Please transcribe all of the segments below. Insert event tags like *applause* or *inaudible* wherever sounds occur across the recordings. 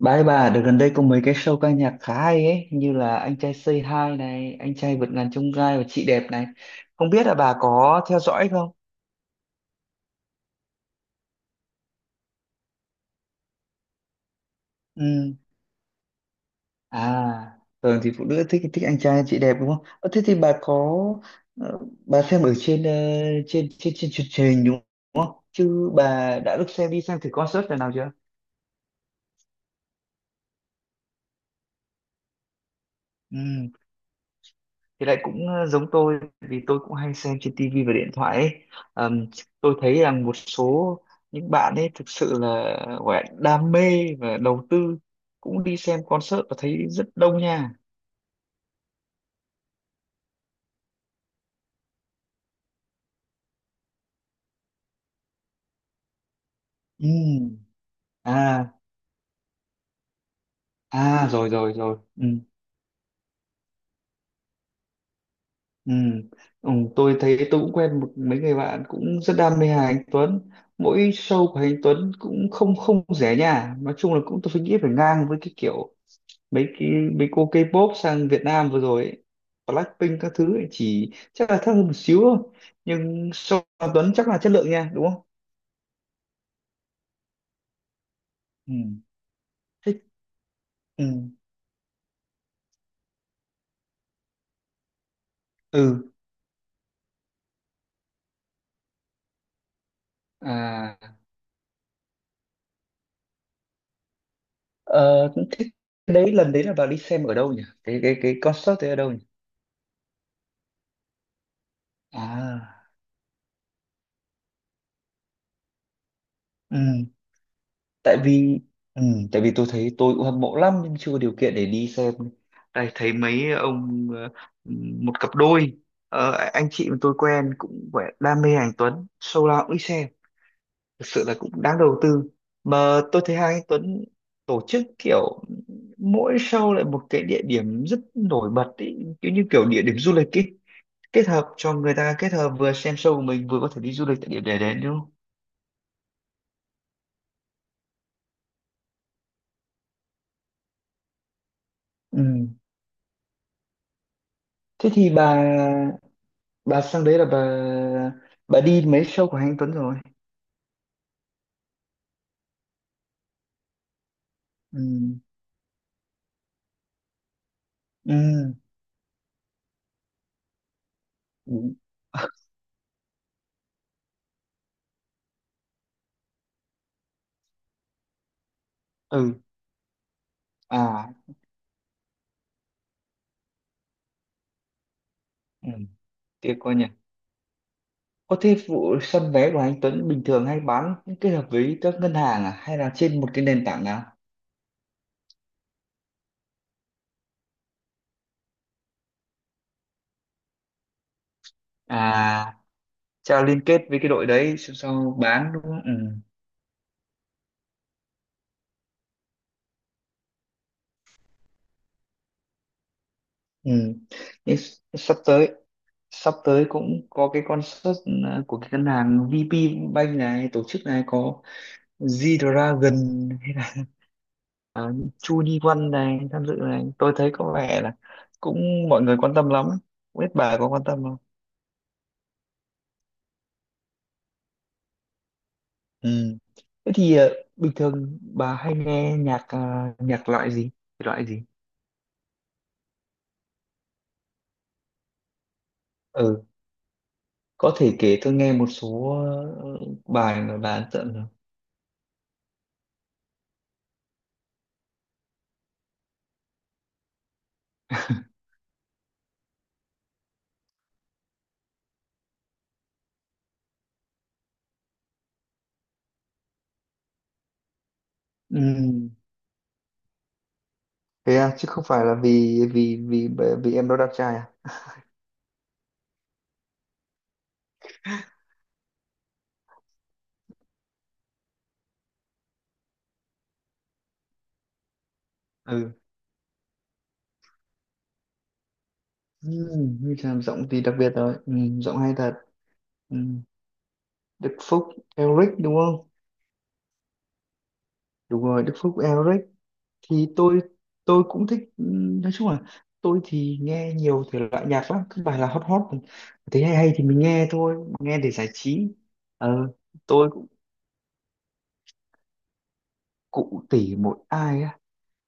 Ba ấy bà, được gần đây có mấy cái show ca nhạc khá hay ấy, như là Anh trai Say Hi này, Anh trai vượt ngàn chông gai và Chị đẹp này. Không biết là bà có theo dõi không? Ừ. À, thường thì phụ nữ thích thích anh trai chị đẹp đúng không? Ờ, thế thì bà có ờ, bà xem ở trên trên truyền hình đúng không? Chứ bà đã được xem đi xem thử concert lần nào chưa? Ừ. Thì lại cũng giống tôi vì tôi cũng hay xem trên tivi và điện thoại ấy. Ờm, tôi thấy rằng một số những bạn ấy thực sự là gọi là đam mê và đầu tư, cũng đi xem concert và thấy rất đông nha. Ừ. À, à rồi rồi rồi, ừ. Ừ. Ừ. Tôi thấy tôi cũng quen một mấy người bạn cũng rất đam mê Hà Anh Tuấn. Mỗi show của Hà Anh Tuấn cũng không không rẻ nha, nói chung là cũng, tôi nghĩ phải ngang với cái kiểu mấy cái mấy cô K-pop sang Việt Nam vừa rồi ấy, Blackpink các thứ ấy, chỉ chắc là thấp hơn một xíu thôi, nhưng so với Tuấn chắc là chất lượng nha đúng không. Ừ. Thích. Ừ. Ừ. À. Ờ, cũng thích cái đấy. Lần đấy là bà đi xem ở đâu nhỉ, cái concert đấy ở đâu nhỉ? À. Ừ. Tại vì, ừ, tại vì tôi thấy tôi cũng hâm mộ lắm nhưng chưa có điều kiện để đi xem. Đây thấy mấy ông, một cặp đôi, anh chị mà tôi quen cũng vẻ đam mê anh Tuấn, show nào cũng đi xem. Thực sự là cũng đáng đầu tư. Mà tôi thấy hai anh Tuấn tổ chức kiểu mỗi show lại một cái địa điểm rất nổi bật ý, kiểu như kiểu địa điểm du lịch ý, kết hợp cho người ta kết hợp vừa xem show của mình vừa có thể đi du lịch tại điểm để đến đúng không? Ừ. Thế thì bà sang đấy là bà đi mấy show của Hà anh Tuấn rồi? Ừ. Ừ. Ừ. Ừ. À. Ừ. Tiếc quá nhỉ. Có thế vụ săn vé của anh Tuấn bình thường hay bán kết hợp với các ngân hàng à hay là trên một cái nền tảng nào? À, cha liên kết với cái đội đấy xong sau bán đúng không, ừ. Ừ. Nhưng sắp tới sắp tới cũng có cái concert, ờ, của cái ngân hàng VP Bank này tổ chức này, có G-Dragon à, Chu Ni Văn này tham dự này, tôi thấy có vẻ là cũng mọi người quan tâm lắm. Không biết bà có quan tâm không? Ừ. Thế thì, bình thường bà hay nghe nhạc, nhạc loại gì? Thể loại gì? Ừ, có thể kể tôi nghe một số, ờ, bài mà bà ấn tượng được. Ừ. Thế à, chứ không phải là vì vì vì bởi vì em đó đẹp trai à? Ừ. Ừ. Như làm giọng thì đặc biệt rồi, ừ. Giọng hay thật. Ừ. Đức Phúc, Eric đúng không? Đúng rồi, Đức Phúc, Eric. Thì tôi cũng thích, nói chung là tôi thì nghe nhiều thể loại nhạc lắm, cứ bài là hot hot, thấy hay hay thì mình nghe thôi, nghe để giải trí. Ờ, tôi cũng, cụ tỉ một ai á,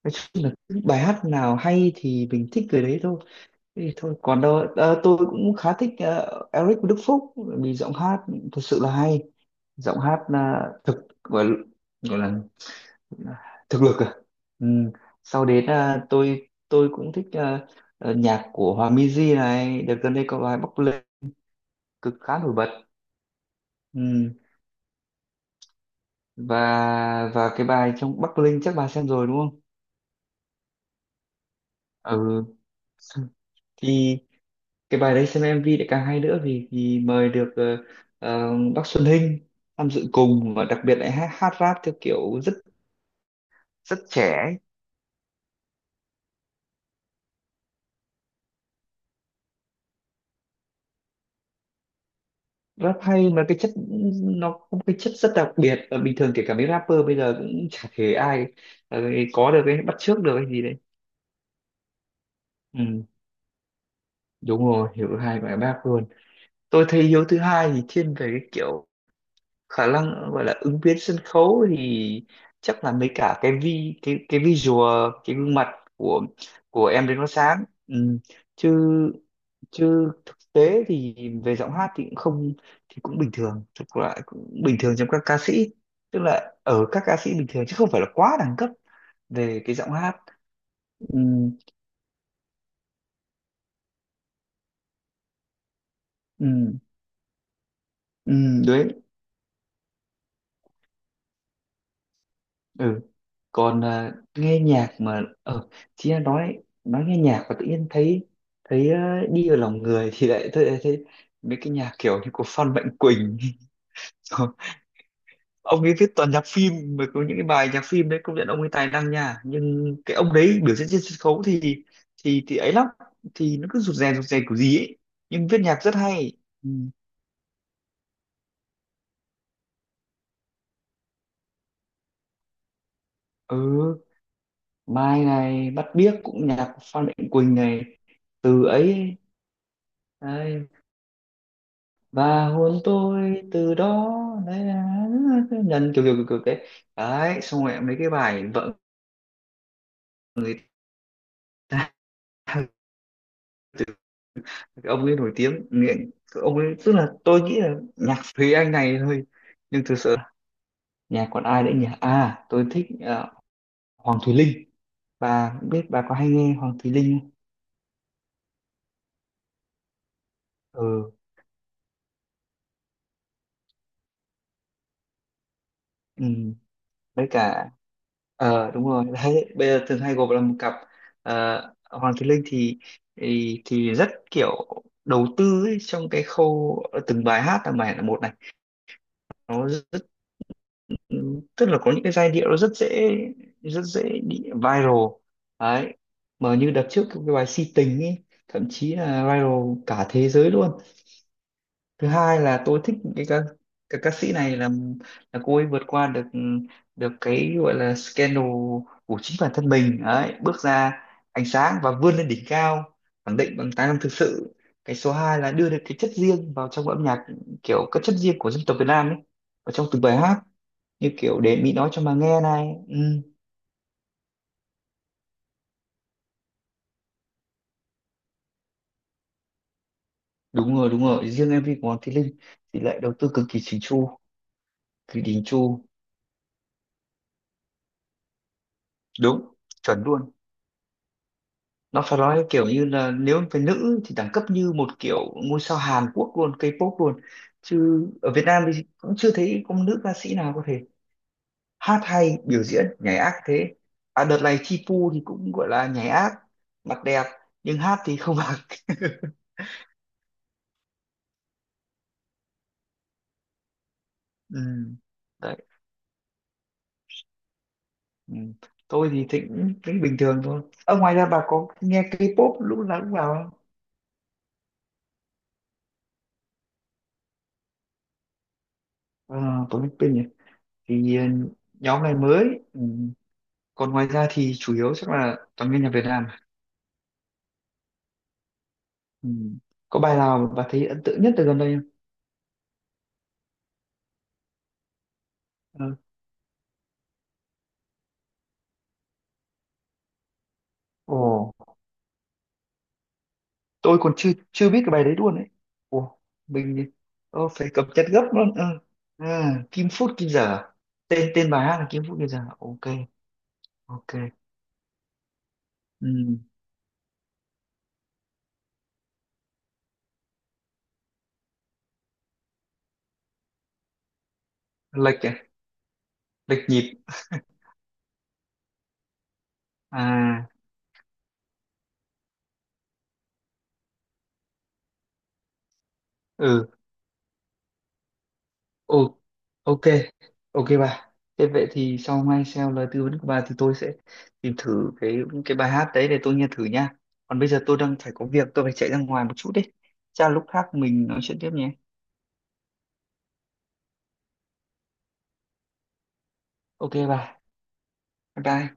nói chung là cứ bài hát nào hay thì mình thích người đấy thôi. Thế thì thôi còn đâu, ờ, tôi cũng khá thích, ờ, Eric Đức Phúc bởi vì giọng hát thật sự là hay. Giọng hát là thực, gọi gọi là thực lực, à, ừ. Sau đến à, tôi cũng thích, à, à, nhạc của Hòa Minzy này, đợt gần đây có bài Bắc Linh cực khá nổi bật. Ừ. Và cái bài trong Bắc Linh chắc bà xem rồi đúng không? Ừ thì cái bài đấy xem MV lại càng hay nữa, vì vì mời được, bác Xuân Hinh tham dự cùng, và đặc biệt lại hát, hát rap theo kiểu rất rất trẻ ấy. Rap hay mà cái chất, nó có một cái chất rất đặc biệt, và bình thường kể cả mấy rapper bây giờ cũng chả thể ai, ờ, có được cái bắt chước được cái gì đấy. Ừ, đúng rồi, hiểu hai bài bác luôn. Tôi thấy Hiếu thứ hai thì thiên về cái kiểu khả năng gọi là ứng biến sân khấu thì chắc là mấy cả cái vi cái visual cái gương mặt của của em đến nó sáng, ừ. chứ chứ thực tế thì về giọng hát thì cũng không, thì cũng bình thường, thực lại cũng bình thường trong các ca sĩ, tức là ở các ca sĩ bình thường chứ không phải là quá đẳng cấp về cái giọng hát. Ừ, ừ, ừ, ừ. Còn à, nghe nhạc mà, ờ, chị đã nói, nghe nhạc và tự nhiên thấy, à, đi vào lòng người thì lại thấy, thấy mấy cái nhạc kiểu như của Phan Mạnh Quỳnh *laughs* Rồi, ông ấy viết toàn nhạc phim, mà có những cái bài nhạc phim đấy công nhận ông ấy tài năng nha, nhưng cái ông đấy biểu diễn trên sân khấu thì ấy lắm, thì nó cứ rụt rè kiểu gì ấy, nhưng viết nhạc rất hay. Ừ. Ừ, Mai này, Bắt Biếc cũng nhạc của Phan Mạnh Quỳnh này, từ ấy và hôn tôi từ đó. Đấy là nhân kiểu kiểu kiểu kiểu thế. Đấy xong rồi mấy cái bài vợ người ta. *laughs* Từ ông ấy nổi tiếng nghiện, ông ấy tức là tôi nghĩ là nhạc Thúy Anh này thôi, nhưng thực sự nhạc còn ai nữa nhỉ, à tôi thích, ờ, Hoàng Thùy Linh. Bà biết, bà có hay nghe Hoàng Thùy Linh không? Ừ, ừ. Với cả, ờ đúng rồi đấy, bây giờ thường hay gộp là một cặp. Ờ, Hoàng Thùy Linh thì, rất kiểu đầu tư ấy, trong cái khâu, ờ, từng bài hát là bài là một này, nó rất, tức là có những cái giai điệu nó rất dễ, bị viral đấy. Mà như đợt trước cái bài Si Tình ấy, thậm chí là viral cả thế giới luôn. Thứ hai là tôi thích cái ca, cái ca sĩ này là cô ấy vượt qua được, được cái gọi là scandal của chính bản thân mình đấy, bước ra ánh sáng và vươn lên đỉnh cao, khẳng định bằng tài năng thực sự. Cái số 2 là đưa được cái chất riêng vào trong âm nhạc, kiểu cái chất riêng của dân tộc Việt Nam ấy, ở trong từng bài hát, như kiểu để Mỹ nói cho mà nghe này, ừ, đúng rồi đúng rồi. Riêng MV của Hoàng Thị Linh thì lại đầu tư cực kỳ chỉnh chu, kỳ đình chu. Đúng, chuẩn luôn. Nó phải nói kiểu như là nếu về nữ thì đẳng cấp như một kiểu ngôi sao Hàn Quốc luôn, K-pop luôn. Chứ ở Việt Nam thì cũng chưa thấy có nữ ca sĩ nào có thể hát hay biểu diễn nhảy ác thế. À đợt này Chi Pu thì cũng gọi là nhảy ác, mặt đẹp, nhưng hát thì không bằng. *laughs* Ừ. Đấy. Ừ. Tôi thì thịnh, thỉnh bình thường thôi. Ở ngoài ra bà có nghe K-pop lúc nào cũng vào không? À, tôi biết tên nhỉ, thì ừ, nhóm này mới. Ừ. Còn ngoài ra thì chủ yếu chắc là toàn nghe nhạc Việt Nam. Ừ. Có bài nào bà thấy ấn tượng nhất từ gần đây không? Ờ. Ồ, tôi còn chưa chưa biết cái bài đấy luôn ấy. Ồ, mình, ờ, phải cập nhật gấp luôn. Ờ. À, Kim Phút Kim Giờ, à? Tên Tên bài hát là Kim Phút Kim Giờ. Ok, ok. Ừ. Lệch à? Lệch nhịp. À, ừ. Ồ, ok, ok bà. Thế vậy thì sau ngay theo lời tư vấn của bà thì tôi sẽ tìm thử cái bài hát đấy để tôi nghe thử nha. Còn bây giờ tôi đang phải có việc, tôi phải chạy ra ngoài một chút đấy. Chắc là lúc khác mình nói chuyện tiếp nhé. Ok bà, bye bye.